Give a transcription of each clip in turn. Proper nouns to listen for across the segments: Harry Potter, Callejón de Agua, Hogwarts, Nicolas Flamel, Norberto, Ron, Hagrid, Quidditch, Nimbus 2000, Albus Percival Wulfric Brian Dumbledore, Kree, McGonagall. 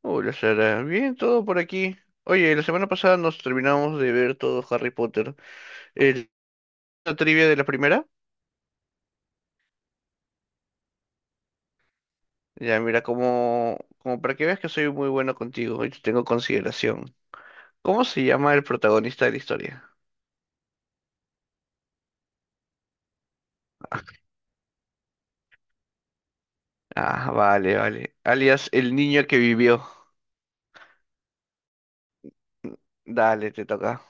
Hola Sara, bien, todo por aquí. Oye, la semana pasada nos terminamos de ver todo Harry Potter. El, la trivia de la primera. Ya, mira, como para que veas que soy muy bueno contigo y te tengo consideración. ¿Cómo se llama el protagonista de la historia? Ah, vale, vale. Alias el niño que vivió. Dale, te toca.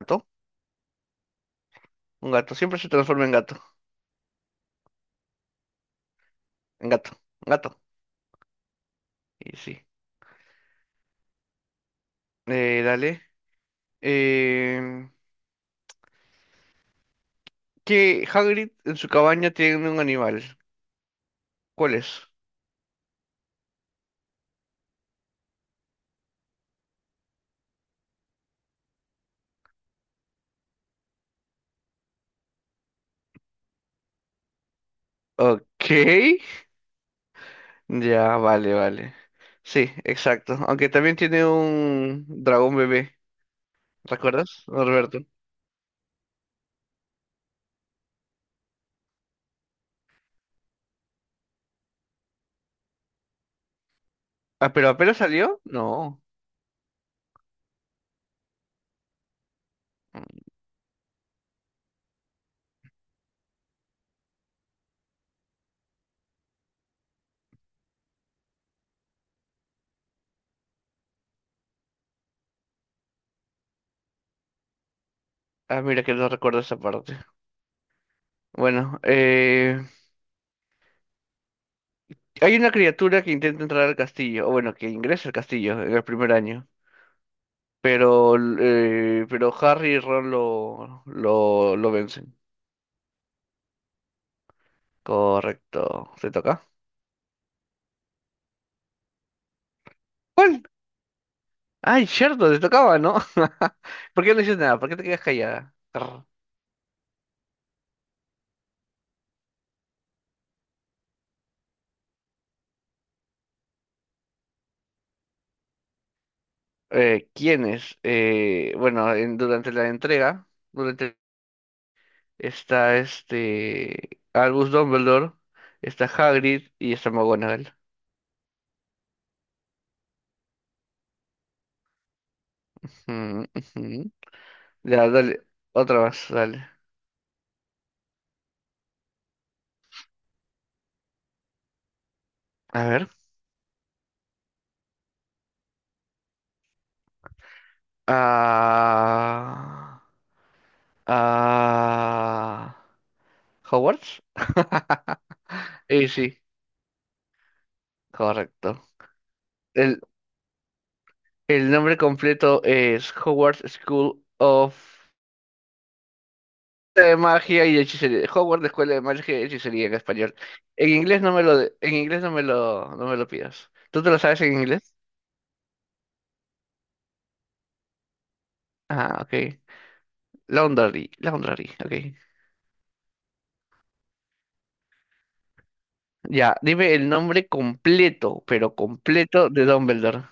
¿Gato? Un gato. Siempre se transforma en gato. En gato. En gato. Y sí. Dale. Eh, que Hagrid en su cabaña tiene un animal. ¿Cuál es? Ok, ya, vale, vale. Sí, exacto. Aunque también tiene un dragón bebé, ¿recuerdas, Norberto? Ah, pero apenas salió, no. Ah, mira que no recuerdo esa parte. Bueno, hay una criatura que intenta entrar al castillo, o bueno, que ingresa al castillo en el primer año, pero Harry y Ron lo vencen. Correcto, ¿te toca? ¿Cuál? Ay, cierto, te tocaba, ¿no? ¿Por qué no dices nada? ¿Por qué te quedas callada? Quiénes, bueno, durante la entrega, durante está este Albus Dumbledore, está Hagrid y está McGonagall. Ujú, ujú. Ya, dale, otra más, dale. A ver. Ah, ah, Hogwarts. Y sí, correcto. El, el nombre completo es Hogwarts School of de magia y hechicería. Hogwarts escuela de magia y hechicería en español. En inglés no me lo, no me lo pidas. ¿Tú te lo sabes en inglés? Ah, ok. Laundry, Laundry, ok. Ya, dime el nombre completo, pero completo de Dumbledore.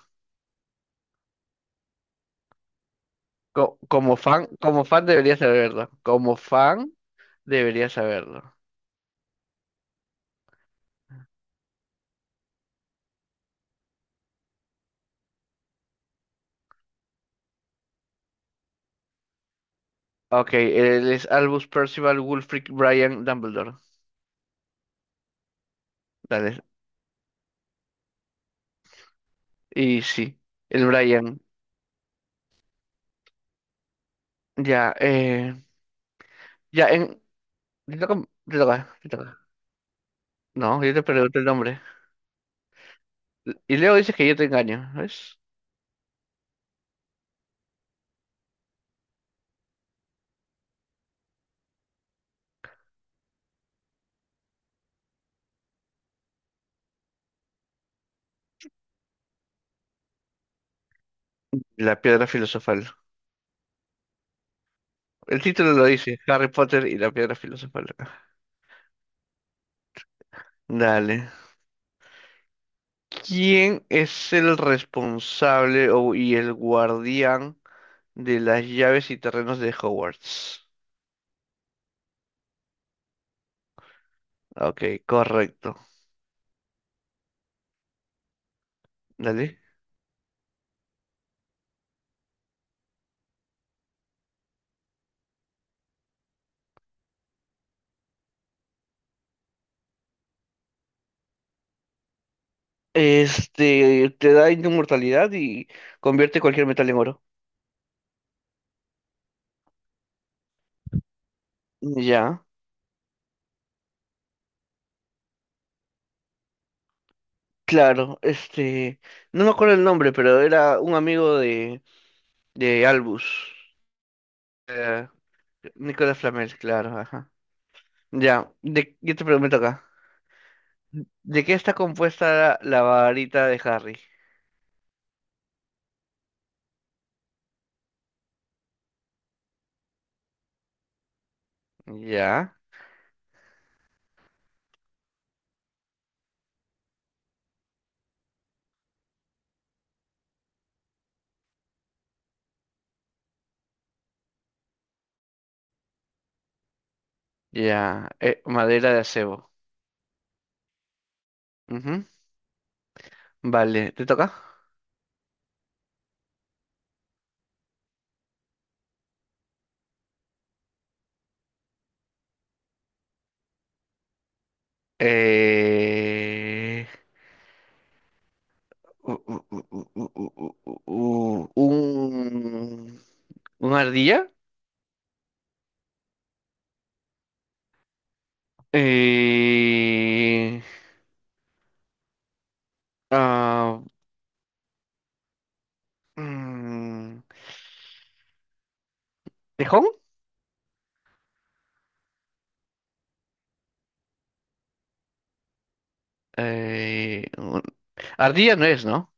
Como fan deberías saberlo. Como fan deberías saberlo. Ok, él es Albus Percival Wulfric Brian Dumbledore. Dale. Y sí, el Brian. Ya, ya en. Te toca, te toca, te toca. No, yo te pregunto el nombre. Y luego dices que yo te engaño, ¿ves? La piedra filosofal. El título lo dice, Harry Potter y la piedra filosofal. Dale. ¿Quién es el responsable y el guardián de las llaves y terrenos de Hogwarts? Ok, correcto. Dale. Este, te da inmortalidad y convierte cualquier metal en oro. Ya, claro. Este, no me acuerdo el nombre, pero era un amigo de Albus. Eh, Nicolas Flamel, claro, ajá. Ya, yo te pregunto acá. ¿De qué está compuesta la varita de Harry? Ya, ya. Madera de acebo. Ujú. Vale, ¿te toca? Eh... u- un... ¿Una ardilla? Eh... ah, mm, ¿Tejón? Eh... un- Ardilla no es, ¿no?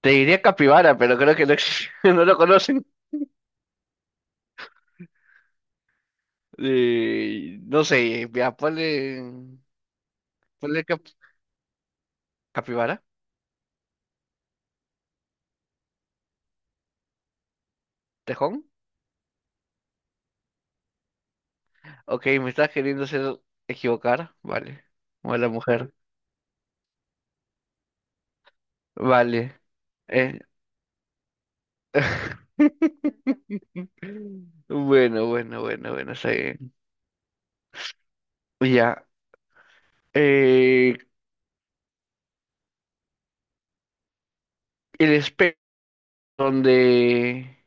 Te diría capibara, pero creo que no, no lo conocen. No sé, ya, ponle, capibara, tejón. Ok, me estás queriendo hacer equivocar, vale. O la mujer, vale. eh. Bueno, bueno, bueno, bueno, está bien. Ya. Eh, el espejo donde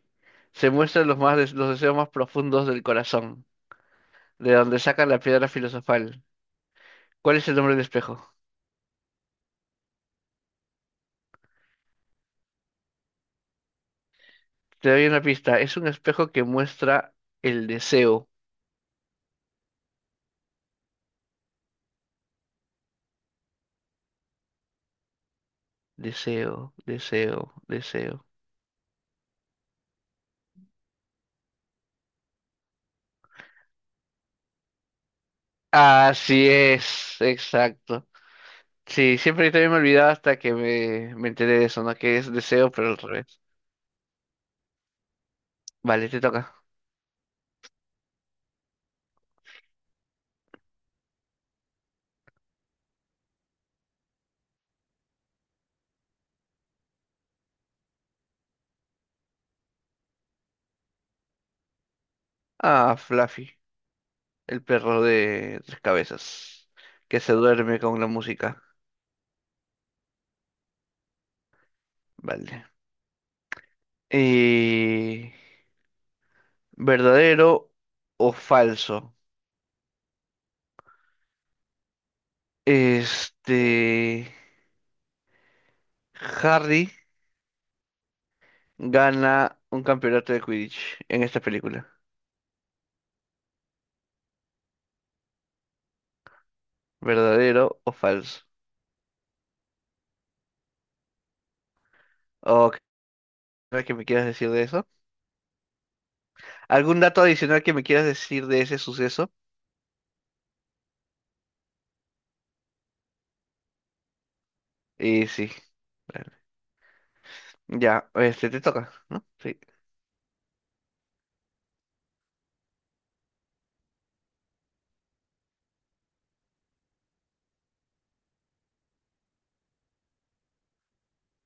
se muestran los deseos más profundos del corazón, de donde sacan la piedra filosofal. ¿Cuál es el nombre del espejo? Te doy una pista. Es un espejo que muestra el deseo. Deseo, deseo, deseo. Así es, exacto. Sí, siempre yo también me olvidaba hasta que me enteré de eso, ¿no? Que es deseo, pero al revés. Vale, te toca. Ah, Fluffy, el perro de tres cabezas, que se duerme con la música. Vale. Eh, ¿Verdadero o falso? Este, Harry. Gana un campeonato de Quidditch en esta película? ¿Verdadero o falso? ¿O qué que me quieras decir de eso? ¿Algún dato adicional que me quieras decir de ese suceso? Y sí, claro. Ya, este te toca, ¿no? Sí.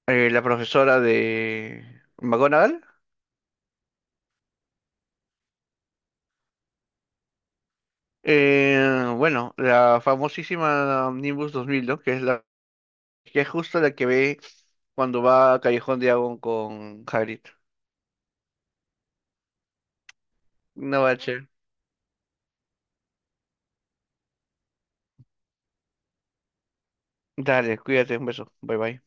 La profesora de McGonagall. Bueno, la famosísima Nimbus 2000, ¿no? Que es justo la que ve cuando va a Callejón de Agua con Hagrid. No bache. Dale, cuídate, un beso. Bye bye.